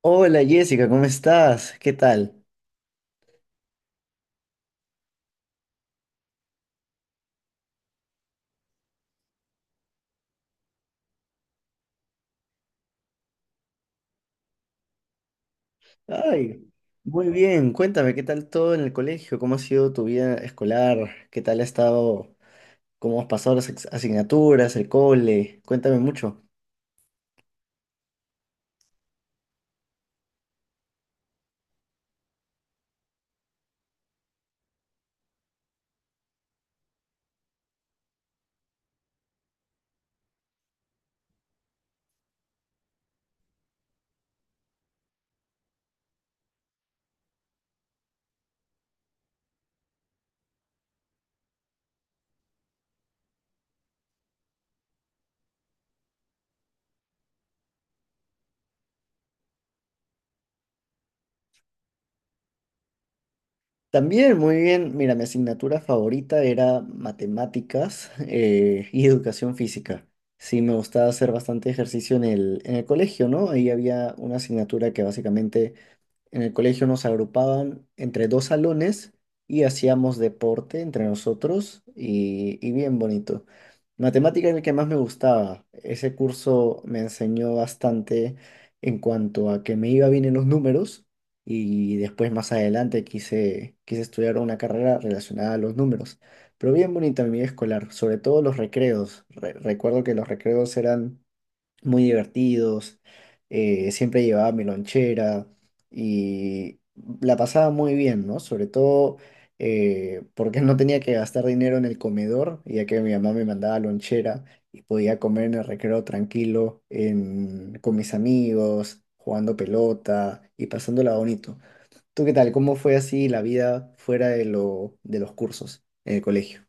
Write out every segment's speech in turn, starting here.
Hola Jessica, ¿cómo estás? ¿Qué tal? Ay, muy bien. Cuéntame, ¿qué tal todo en el colegio? ¿Cómo ha sido tu vida escolar? ¿Qué tal ha estado? ¿Cómo has pasado asignaturas, el cole? Cuéntame mucho. También, muy bien. Mira, mi asignatura favorita era matemáticas y educación física. Sí, me gustaba hacer bastante ejercicio en el colegio, ¿no? Ahí había una asignatura que básicamente en el colegio nos agrupaban entre dos salones y hacíamos deporte entre nosotros y bien bonito. Matemática era el que más me gustaba. Ese curso me enseñó bastante en cuanto a que me iba bien en los números y después más adelante quise estudiar una carrera relacionada a los números. Pero bien bonita mi vida escolar, sobre todo los recreos. Recuerdo que los recreos eran muy divertidos, siempre llevaba mi lonchera y la pasaba muy bien, ¿no? Sobre todo porque no tenía que gastar dinero en el comedor, ya que mi mamá me mandaba lonchera y podía comer en el recreo tranquilo, con mis amigos, jugando pelota y pasándola bonito. ¿Tú qué tal? ¿Cómo fue así la vida fuera de de los cursos en el colegio?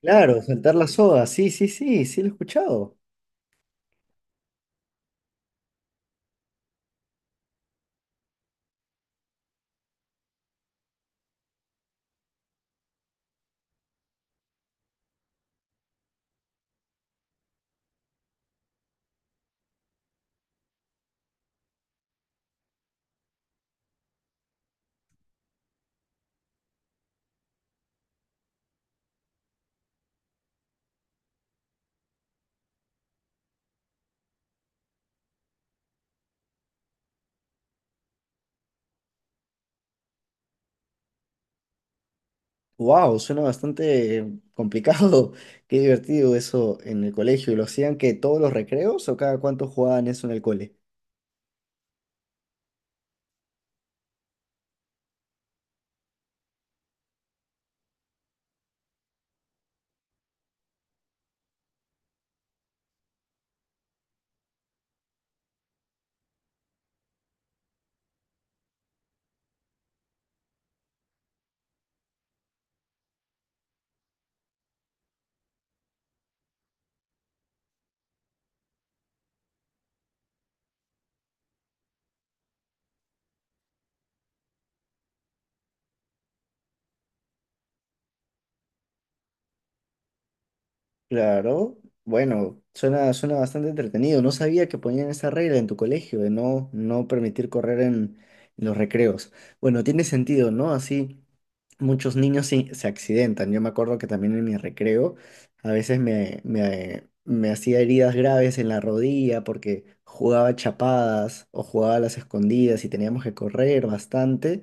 Claro, saltar la soga, sí, sí, sí, sí lo he escuchado. Wow, suena bastante complicado. Qué divertido eso en el colegio. ¿Lo hacían que todos los recreos o cada cuánto jugaban eso en el cole? Claro, bueno, suena, suena bastante entretenido. No sabía que ponían esa regla en tu colegio de no permitir correr en los recreos. Bueno, tiene sentido, ¿no? Así muchos niños sí se accidentan. Yo me acuerdo que también en mi recreo a veces me hacía heridas graves en la rodilla porque jugaba chapadas o jugaba a las escondidas y teníamos que correr bastante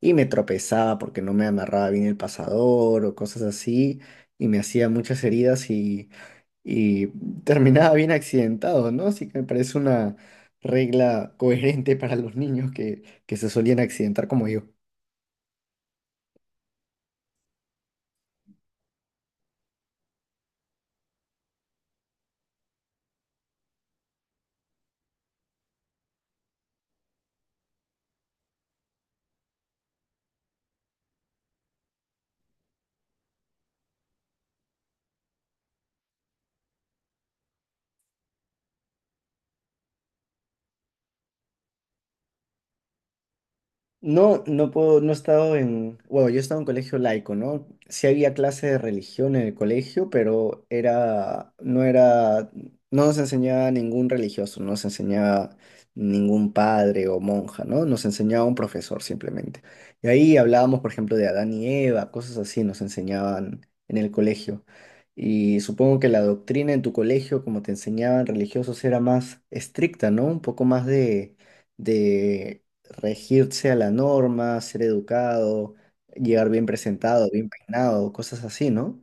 y me tropezaba porque no me amarraba bien el pasador o cosas así y me hacía muchas heridas y terminaba bien accidentado, ¿no? Así que me parece una regla coherente para los niños que se solían accidentar como yo. No, no puedo, no he estado en, bueno, yo he estado en un colegio laico, ¿no? Sí había clase de religión en el colegio, pero no era, no nos enseñaba ningún religioso, no nos enseñaba ningún padre o monja, ¿no? Nos enseñaba un profesor simplemente. Y ahí hablábamos, por ejemplo, de Adán y Eva, cosas así nos enseñaban en el colegio. Y supongo que la doctrina en tu colegio, como te enseñaban religiosos, era más estricta, ¿no? Un poco más de regirse a la norma, ser educado, llegar bien presentado, bien peinado, cosas así, ¿no?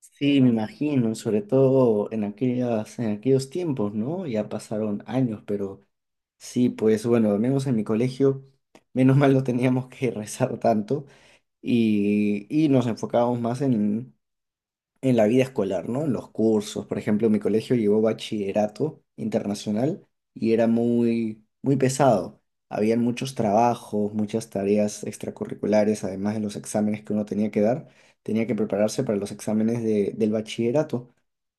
Sí, me imagino, sobre todo en aquellos tiempos, ¿no? Ya pasaron años, pero sí, pues bueno, al menos en mi colegio, menos mal no teníamos que rezar tanto y nos enfocábamos más en la vida escolar, ¿no? En los cursos, por ejemplo, mi colegio llevó bachillerato internacional y era muy pesado. Habían muchos trabajos, muchas tareas extracurriculares, además de los exámenes que uno tenía que dar, tenía que prepararse para los exámenes del bachillerato.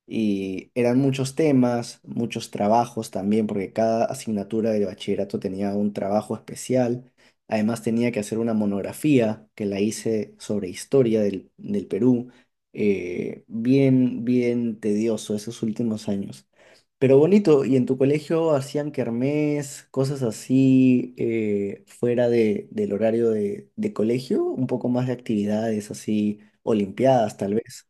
Y eran muchos temas, muchos trabajos también, porque cada asignatura de bachillerato tenía un trabajo especial. Además tenía que hacer una monografía que la hice sobre historia del Perú. Bien, bien tedioso esos últimos años. Pero bonito, ¿y en tu colegio hacían kermés, cosas así, fuera del horario de colegio? Un poco más de actividades así, olimpiadas tal vez.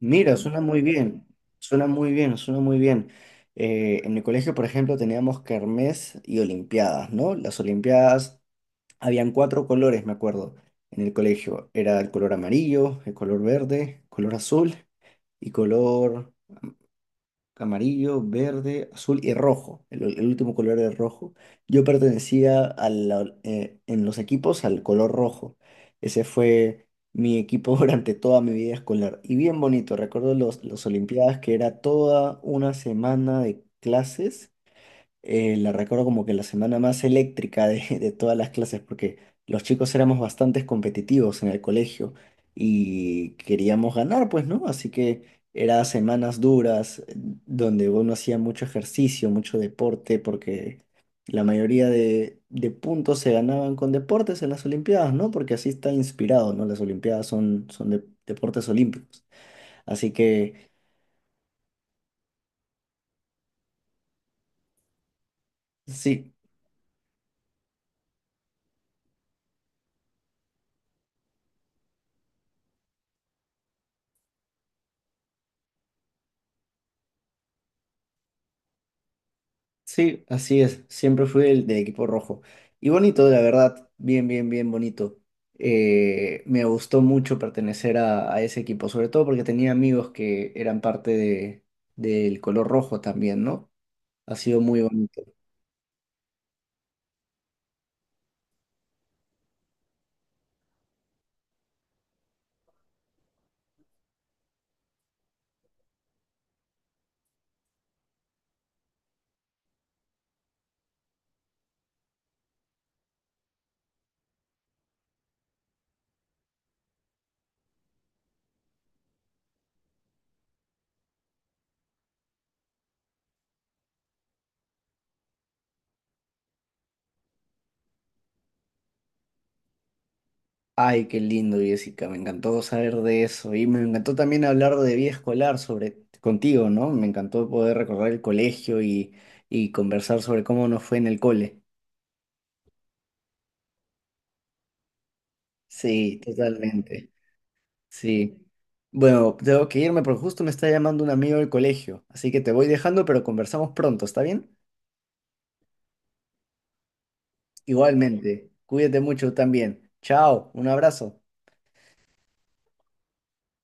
Mira, suena muy bien, suena muy bien, suena muy bien. En mi colegio, por ejemplo, teníamos kermés y olimpiadas, ¿no? Las olimpiadas, habían cuatro colores, me acuerdo, en el colegio. Era el color amarillo, el color verde, color azul y color amarillo, verde, azul y rojo. El último color era rojo. Yo pertenecía a en los equipos al color rojo. Ese fue mi equipo durante toda mi vida escolar. Y bien bonito. Recuerdo las Olimpiadas que era toda una semana de clases la recuerdo como que la semana más eléctrica de, de todas las clases, porque los chicos éramos bastante competitivos en el colegio y queríamos ganar, pues, ¿no? Así que eran semanas duras, donde uno hacía mucho ejercicio, mucho deporte, porque la mayoría de puntos se ganaban con deportes en las Olimpiadas, ¿no? Porque así está inspirado, ¿no? Las Olimpiadas son, son deportes olímpicos. Así que... Sí, sí, así es. Siempre fui el del equipo rojo. Y bonito, la verdad. Bien, bien, bien bonito. Me gustó mucho pertenecer a ese equipo, sobre todo porque tenía amigos que eran parte del color rojo también, ¿no? Ha sido muy bonito. Ay, qué lindo, Jessica. Me encantó saber de eso. Y me encantó también hablar de vida escolar sobre contigo, ¿no? Me encantó poder recordar el colegio y conversar sobre cómo nos fue en el cole. Sí, totalmente. Sí. Bueno, tengo que irme porque justo me está llamando un amigo del colegio. Así que te voy dejando, pero conversamos pronto, ¿está bien? Igualmente. Cuídate mucho también. Chao, un abrazo.